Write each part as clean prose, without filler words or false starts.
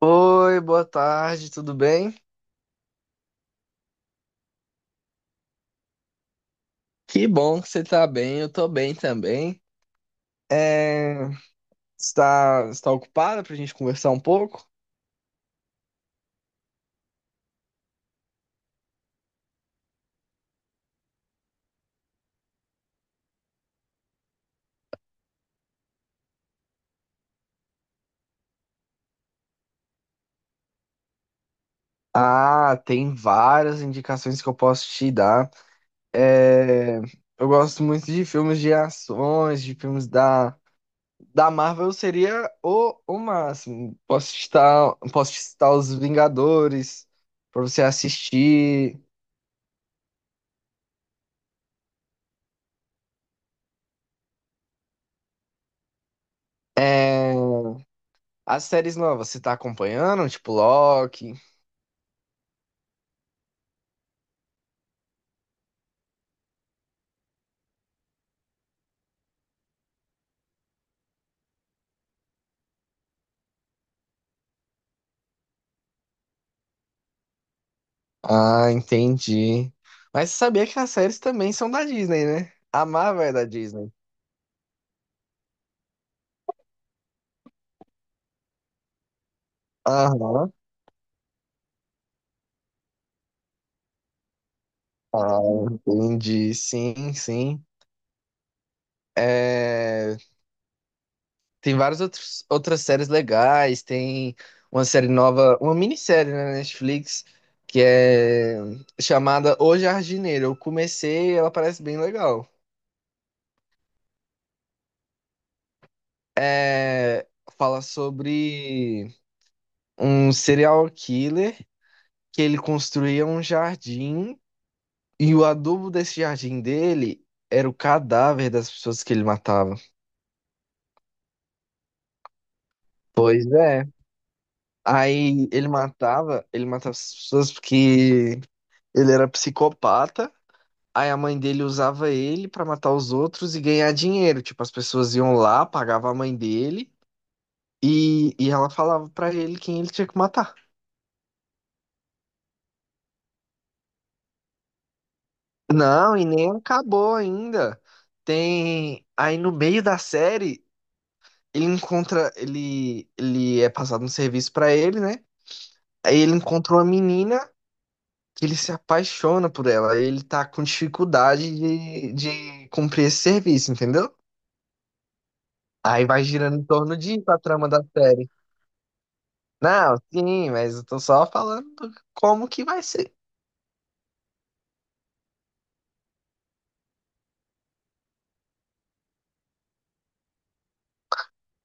Oi, boa tarde, tudo bem? Que bom que você tá bem, eu tô bem também. É... está ocupada pra gente conversar um pouco? Ah, tem várias indicações que eu posso te dar. É... Eu gosto muito de filmes de ações, de filmes da Marvel, seria o máximo. Posso te citar Os Vingadores pra você assistir. É... As séries novas, você tá acompanhando? Tipo Loki? Ah, entendi. Mas você sabia que as séries também são da Disney, né? A Marvel é da Disney. Aham. Ah, entendi. Sim, sim. É, Tem várias outros outras séries legais. Tem uma série nova, uma minissérie né, na Netflix, que é chamada O Jardineiro. Eu comecei, ela parece bem legal. É, Fala sobre um serial killer que ele construía um jardim. E o adubo desse jardim dele era o cadáver das pessoas que ele matava. Pois é. Aí ele matava as pessoas porque ele era psicopata. Aí a mãe dele usava ele pra matar os outros e ganhar dinheiro. Tipo, as pessoas iam lá, pagavam a mãe dele e ela falava pra ele quem ele tinha que matar. Não, e nem acabou ainda. Tem. Aí no meio da série, ele encontra. Ele é passado um serviço pra ele, né? Aí ele encontrou uma menina que ele se apaixona por ela. Aí ele tá com dificuldade de cumprir esse serviço, entendeu? Aí vai girando em torno disso a trama da série. Não, sim, mas eu tô só falando como que vai ser.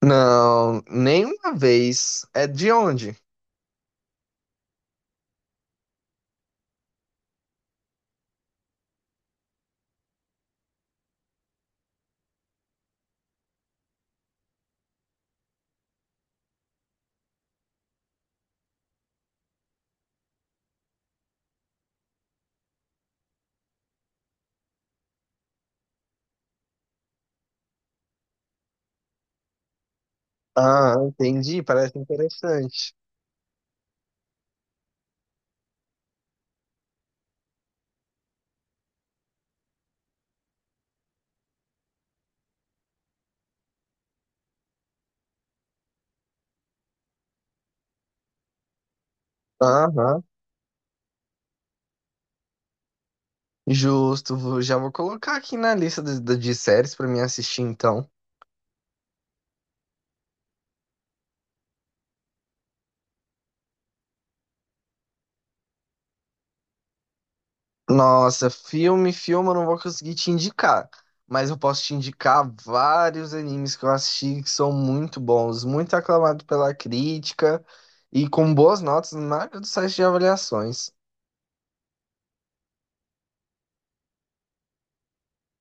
Não, nenhuma vez. É de onde? Ah, entendi, parece interessante. Aham, justo. Já vou colocar aqui na lista de séries pra mim assistir então. Nossa, filme, eu não vou conseguir te indicar, mas eu posso te indicar vários animes que eu assisti que são muito bons, muito aclamados pela crítica e com boas notas na maioria dos sites de avaliações.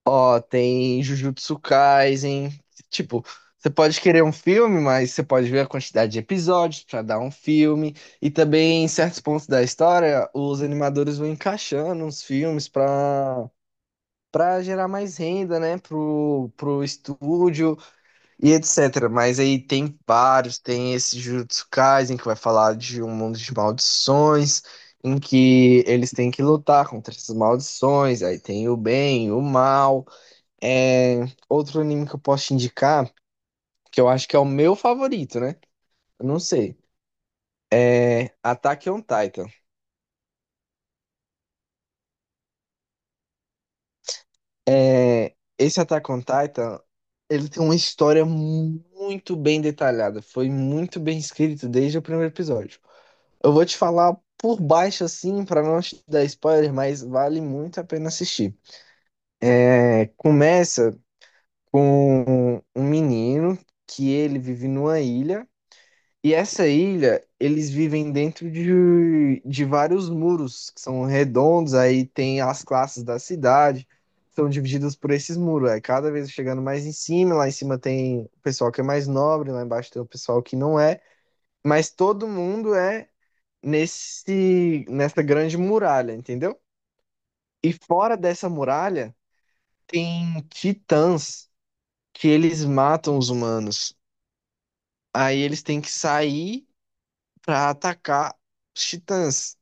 Ó, tem Jujutsu Kaisen, tipo, você pode querer um filme, mas você pode ver a quantidade de episódios pra dar um filme e também em certos pontos da história, os animadores vão encaixando uns filmes pra para gerar mais renda, né, pro estúdio e etc. Mas aí tem vários, tem esse Jujutsu Kaisen que vai falar de um mundo de maldições, em que eles têm que lutar contra essas maldições, aí tem o bem, o mal. É... Outro anime que eu posso te indicar, que eu acho que é o meu favorito, né? Eu não sei. É Attack on Titan. É, esse Attack on Titan, ele tem uma história muito bem detalhada. Foi muito bem escrito desde o primeiro episódio. Eu vou te falar por baixo, assim, pra não te dar spoiler, mas vale muito a pena assistir. É, começa com um menino que ele vive numa ilha. E essa ilha, eles vivem dentro de vários muros, que são redondos, aí tem as classes da cidade, são divididas por esses muros. Aí cada vez chegando mais em cima, lá em cima tem o pessoal que é mais nobre, lá embaixo tem o pessoal que não é, mas todo mundo é nessa grande muralha, entendeu? E fora dessa muralha, tem titãs que eles matam os humanos. Aí eles têm que sair para atacar os titãs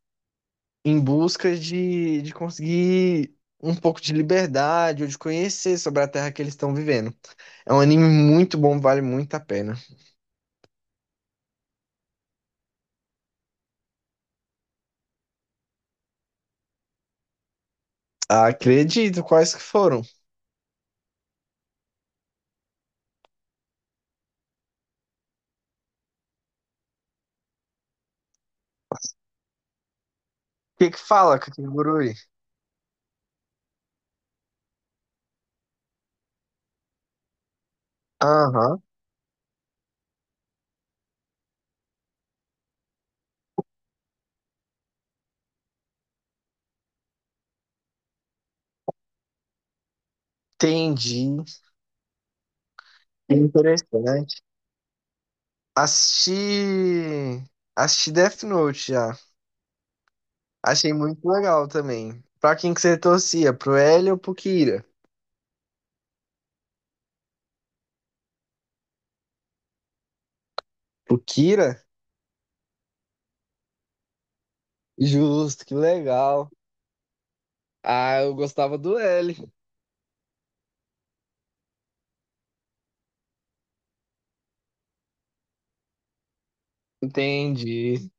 em busca de conseguir um pouco de liberdade ou de conhecer sobre a terra que eles estão vivendo. É um anime muito bom, vale muito a pena. Acredito, quais que foram? O que que fala, Kakegurui? Aham, entendi. Interessante. Assisti. Assisti Death Note já. Achei muito legal também. Pra quem que você torcia? Pro L ou pro Kira? Pro Kira? Justo, que legal. Ah, eu gostava do L. Entendi.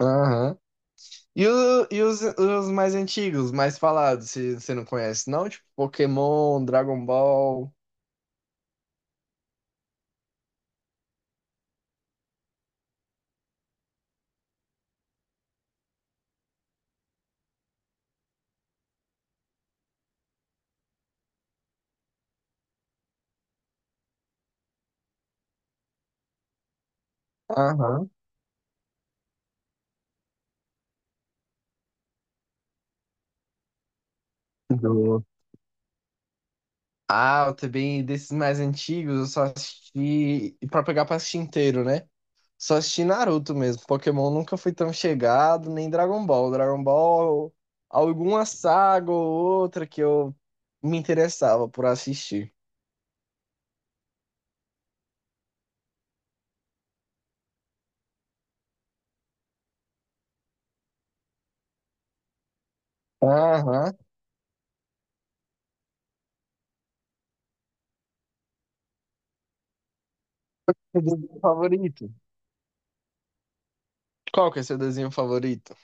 Aham. E, e os mais antigos, mais falados, se você não conhece, não? Tipo, Pokémon, Dragon Ball. Aham. Do... Ah, eu também, desses mais antigos, eu só assisti. E pra pegar pra assistir inteiro, né? Só assisti Naruto mesmo. Pokémon nunca fui tão chegado, nem Dragon Ball. Dragon Ball, alguma saga ou outra que eu me interessava por assistir. Aham. Seu desenho favorito? Qual que é seu desenho favorito?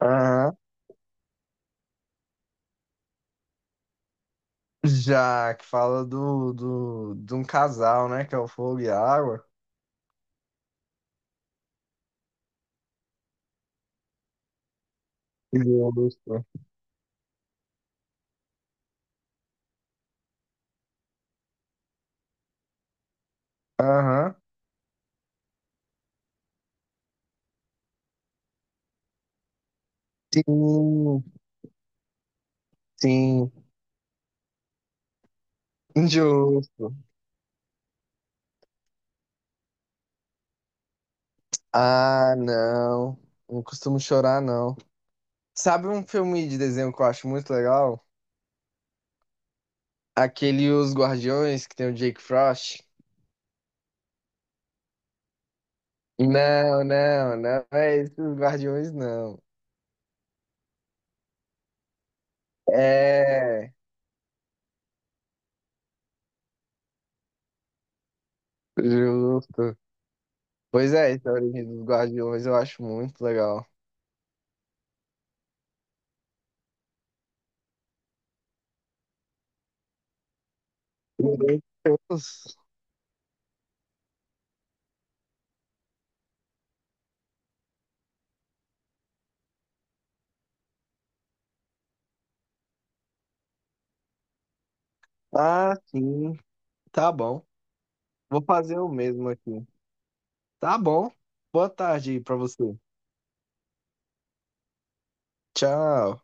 Aham. Já, que fala de um casal, né? Que é o Fogo e a Água. Justo. Aham. Sim, sim. Injusto. Ah, não. Não costumo chorar, não. Sabe um filme de desenho que eu acho muito legal? Aquele Os Guardiões, que tem o Jake Frost. Não, não, não é esse Os Guardiões, não. É, justo. Pois é, essa origem dos Guardiões eu acho muito legal. Meu Deus. Ah, sim. Tá bom. Vou fazer o mesmo aqui. Tá bom. Boa tarde pra você. Tchau.